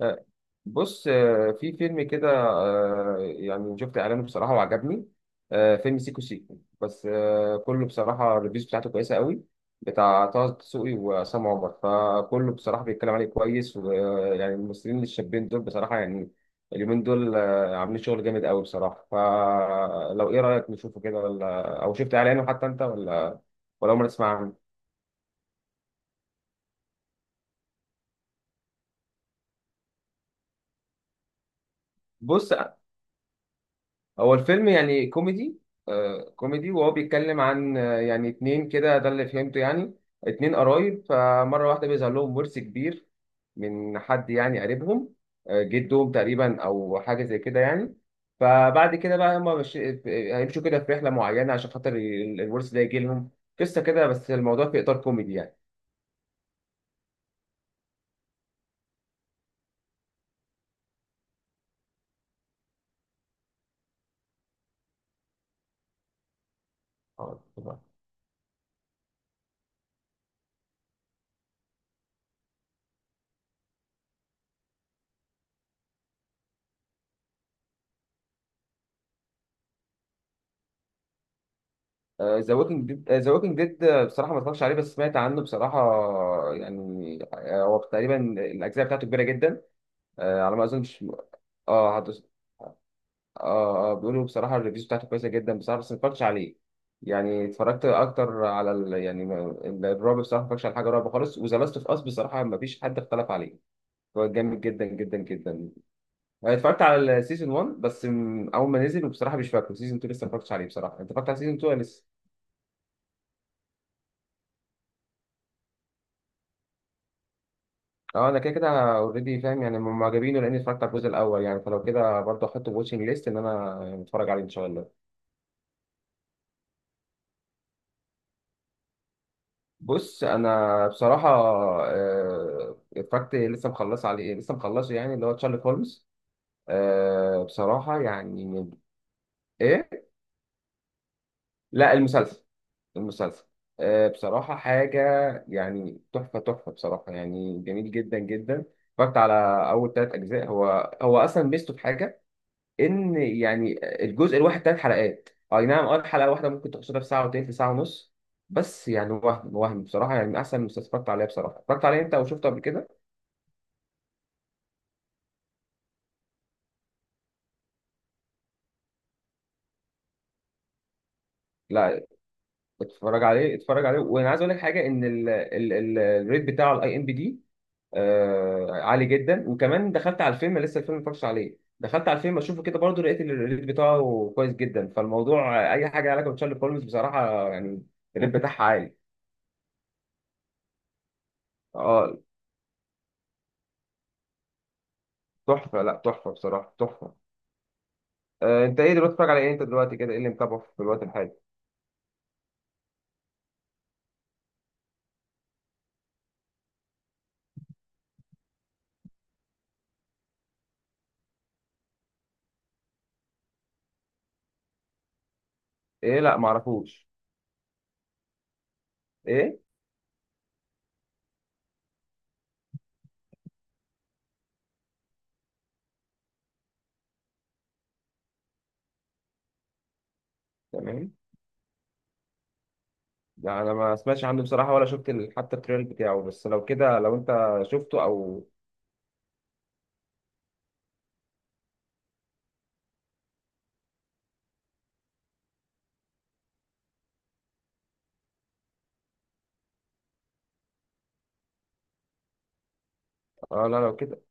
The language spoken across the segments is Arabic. آه، بص في فيلم كده يعني شفت اعلانه بصراحه وعجبني. فيلم سيكو سيكو بس، كله بصراحه الريفيوز بتاعته كويسه قوي، بتاع طه دسوقي وعصام عمر، فكله بصراحه بيتكلم عليه كويس، ويعني الممثلين الشابين دول بصراحه يعني اليومين دول عاملين شغل جامد قوي بصراحه. فلو ايه رايك نشوفه كده، ولا او شفت اعلانه حتى انت، ولا عمرك تسمع عنه؟ بص، هو الفيلم يعني كوميدي. آه كوميدي، وهو بيتكلم عن يعني اتنين كده، ده اللي فهمته يعني. اتنين قرايب، فمرة واحدة بيظهر لهم ورث كبير من حد يعني قريبهم، آه جدهم تقريبا أو حاجة زي كده يعني. فبعد كده بقى، هما مش هيمشوا كده في رحلة معينة عشان خاطر الورث ده يجي لهم. قصة كده، بس الموضوع في إطار كوميدي يعني. اه طبعا. ذا ووكينج ديد بصراحة ما اتفرجتش عليه، بس سمعت عنه بصراحة. يعني هو تقريبا الأجزاء بتاعته كبيرة جدا، آه على ما اظنش. اه هدوس. اه اه، بيقولوا بصراحه الريفيوز بتاعته كويسه جدا بصراحه، بس ما اتفرجتش عليه. يعني اتفرجت اكتر على ال... يعني الرعب بصراحه، ما اتفرجتش على حاجه رعب خالص. وذا لاست اوف اس بصراحه ما فيش حد اختلف عليه، هو جامد جدا جدا جدا. أنا اتفرجت على السيزون 1 بس، اول ما نزل، وبصراحه مش فاكره. سيزون 2 لسه ما اتفرجتش عليه بصراحه. انت اتفرجت على سيزون 2 ولا لسه؟ اه انا كده كده اوريدي فاهم يعني معجبينه، لاني اتفرجت على الجزء الاول يعني. فلو كده برضه احطه في واتشنج ليست ان انا اتفرج عليه ان شاء الله. بص انا بصراحه اتفرجت، لسه مخلص عليه، لسه مخلصه، يعني اللي هو تشارلي هولمز. بصراحه يعني. ايه؟ لا، المسلسل. المسلسل. بصراحه حاجه يعني تحفه تحفه بصراحه، يعني جميل جدا جدا. اتفرجت على اول ثلاث اجزاء. هو هو اصلا ميزته في حاجه، ان يعني الجزء الواحد ثلاث حلقات، اي نعم اه. الحلقه واحده ممكن تقصدها في ساعه وتلت، ساعه ونص. بس يعني وهم وهم بصراحه يعني من احسن المسلسلات اتفرجت عليها بصراحه. اتفرجت عليه انت او شفته قبل كده؟ لا، اتفرج عليه اتفرج عليه. وانا عايز اقول لك حاجه، ان الريت بتاعه الاي ام بي دي عالي جدا. وكمان دخلت على الفيلم، لسه الفيلم ما اتفرجتش عليه، دخلت على الفيلم اشوفه كده برضه، لقيت الريت بتاعه كويس جدا. فالموضوع اي حاجه علاقه بتشارلي هولمز بصراحه يعني الريت بتاعها عالي. اه تحفه، لا تحفه بصراحه تحفه. آه انت ايه دلوقتي بتتفرج على ايه؟ انت دلوقتي كده ايه اللي متابعه في الوقت الحالي؟ ايه؟ لا ما اعرفوش. ايه؟ تمام. لا انا ما سمعتش عنه بصراحه، ولا شفت حتى التريل بتاعه. بس لو كده، لو انت شفته او اه. لا لو كده،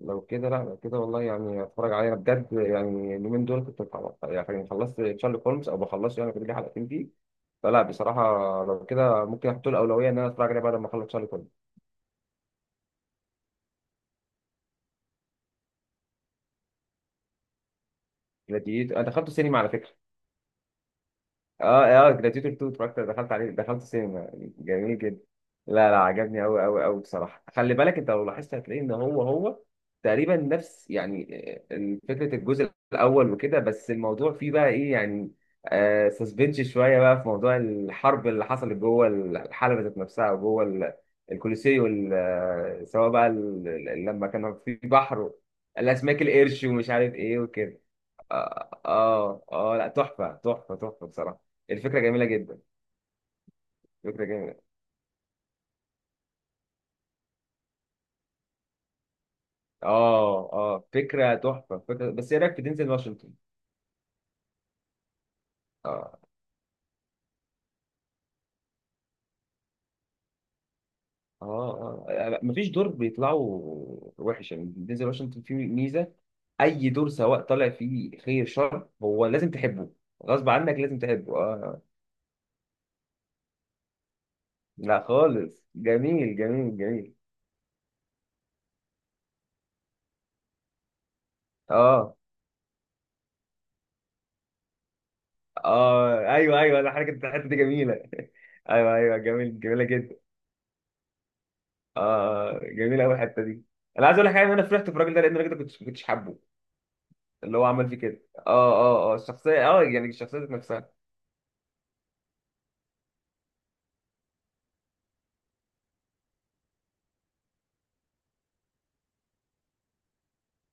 لا لو كده والله يعني اتفرج عليه انا بجد. يعني اليومين دول كنت بخلص، يعني خلصت تشارلي هولمز او بخلصه، يعني كنت لي حلقتين فيه. فلا بصراحه، لو كده ممكن احط له الاولويه ان انا اتفرج عليه بعد ما اخلص تشارلي هولمز. جلاديتور انا دخلته سينما على فكره. اه اه جلاديتور 2 اتفرجت، دخلت عليه، دخلت سينما. جميل جدا. لا لا عجبني قوي قوي قوي بصراحه. خلي بالك انت لو لاحظت هتلاقي ان هو تقريبا نفس يعني فكره الجزء الاول وكده، بس الموضوع فيه بقى ايه يعني؟ آه سسبنش شويه بقى في موضوع الحرب اللي حصلت جوه الحلبه ذات نفسها، وجوه الكولوسيو، سواء بقى لما كانوا في بحر الاسماك القرش ومش عارف ايه وكده. اه اه لا تحفه تحفه تحفه بصراحه. الفكره جميله جدا. فكره جميله. اه اه فكره تحفه فكره. بس ايه رايك في دينزل واشنطن؟ اه اه اه، يعني مفيش دور بيطلعوا وحش يعني. دينزل واشنطن فيه ميزه، اي دور سواء طالع فيه خير شر هو لازم تحبه، غصب عنك لازم تحبه. اه لا خالص، جميل جميل جميل. اه اه ايوه ايوه، انا حركه الحته دي جميله ايوه ايوه، جميل جميله جدا. اه جميله قوي الحته دي. انا عايز اقول لك حاجه، ان انا فرحت في الراجل ده، لان الراجل ده كنتش حابه. اللي هو عمل فيه كده اه اه اه، الشخصيه، اه يعني الشخصيه ذات نفسها،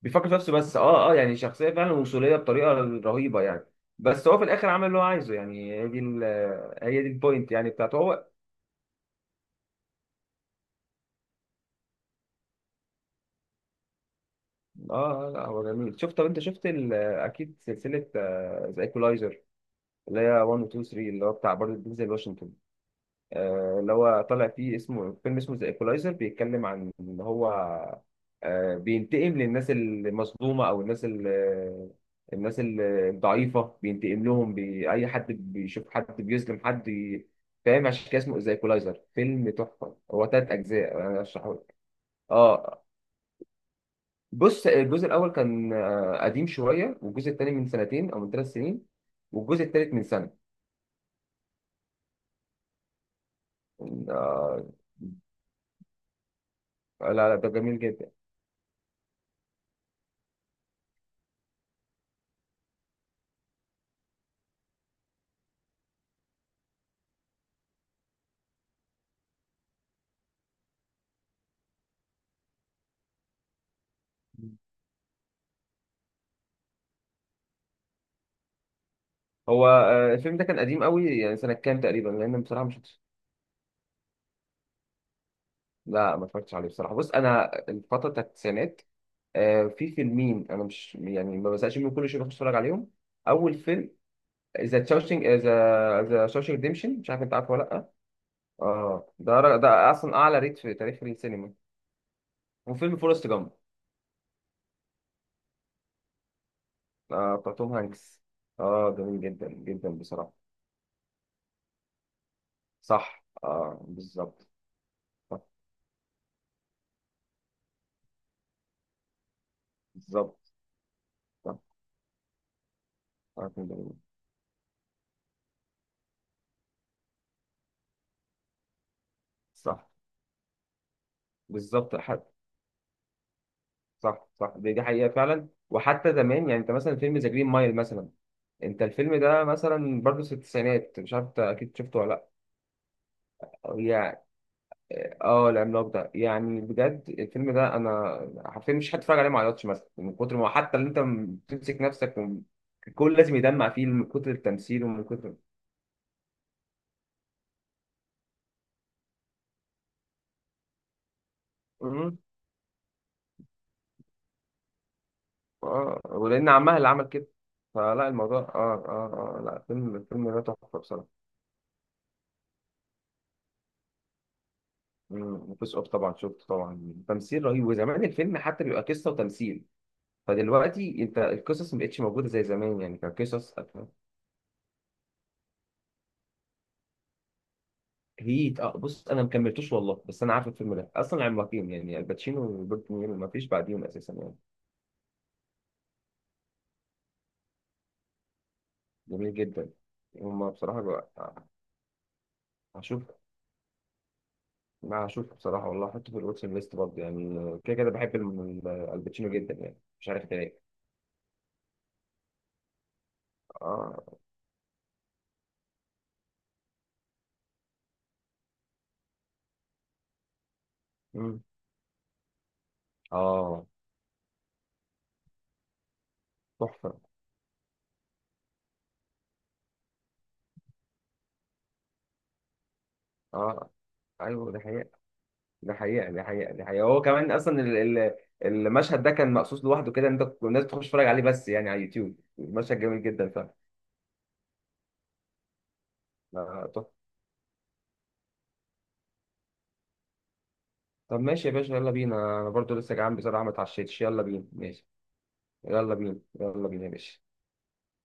بيفكر في نفسه بس. اه اه يعني شخصيه فعلا وصوليه بطريقه رهيبه يعني. بس هو في الاخر عمل اللي هو عايزه يعني. هي دي هي دي البوينت يعني بتاعته هو. اه لا هو جميل. شفت، طب انت شفت اكيد سلسله ذا ايكولايزر، اللي هي 1 و 2 و 3، اللي هو بتاع برضه دينزل واشنطن. اللي هو طالع فيه اسمه، فيلم اسمه ذا ايكولايزر، بيتكلم عن ان هو بينتقم للناس المظلومه، او الناس الضعيفه، بينتقم لهم. اي حد بيشوف حد بيظلم حد فاهم، عشان كده اسمه ذا ايكولايزر. فيلم تحفه، هو ثلاث اجزاء، انا ارشحه لك. اه بص الجزء الاول كان قديم شويه، والجزء الثاني من سنتين او من ثلاث سنين، والجزء الثالث من سنه. آه لا لا ده جميل جدا. هو الفيلم ده كان قديم قوي يعني، سنة كام تقريبا؟ لأن بصراحة مش. لا ما اتفرجتش عليه بصراحة. بص أنا الفترة بتاعت التسعينات في فيلمين أنا مش يعني ما بزهقش منهم، كل شوية بخش أتفرج عليهم. أول فيلم ذا تشاوشينج ذا ذا شاوشينج ريديمشن، مش عارف أنت عارفه ولا لأ. اه ده ده أصلا أعلى ريت في تاريخ السينما. وفيلم فورست جامب. آه بتاع توم هانكس. اه جميل جدا جدا بصراحة. صح اه بالظبط. صح بالظبط. صح فيلم جميل. صح بالظبط. صح صح، دي حقيقة فعلا. وحتى زمان يعني انت مثلا فيلم ذا جرين مايل مثلا، انت الفيلم ده مثلا برضه في التسعينات، مش عارف انت اكيد شفته ولا لا يعني. اه العملاق ده، يعني بجد الفيلم ده انا حرفيا مش هتفرج عليه ما عيطش مثلا من كتر ما، حتى اللي انت بتمسك نفسك الكل لازم يدمع فيه من كتر التمثيل ومن كتر. مم. اه ولان عمها اللي عمل كده. فلا الموضوع اه، اه اه لا الفيلم، الفيلم ده تحفة بصراحة. مم، وفيس اوف طبعا شفته طبعا، تمثيل رهيب. وزمان الفيلم حتى بيبقى قصه وتمثيل، فدلوقتي انت القصص ما بقتش موجوده زي زمان يعني، كان قصص. هيت، اه بص انا ما كملتوش والله، بس انا عارف الفيلم ده اصلا، العملاقين يعني الباتشينو وروبرت نيرو ما فيش بعديهم اساسا يعني. جميل جدا. هما بصراحه بقى- هشوف. ما هشوف بصراحه والله، احطه في الواتشن ليست برضه يعني. كده كده بحب الباتشينو جدا يعني، مش عارف ليه. اه. مم. اه تحفه. اه ايوه ده حقيقة. دي حقيقة دي حقيقة دي حقيقة. هو كمان أصلا المشهد ده كان مقصود لوحده كده، إن أنت الناس بتخش تتفرج عليه بس يعني على اليوتيوب. المشهد جميل جدا فعلا. طب، طب ماشي يا باشا يلا بينا، أنا برضو لسه جعان بصراحة ما اتعشيتش، يلا بينا ماشي يلا بينا، يلا بينا يا باشا.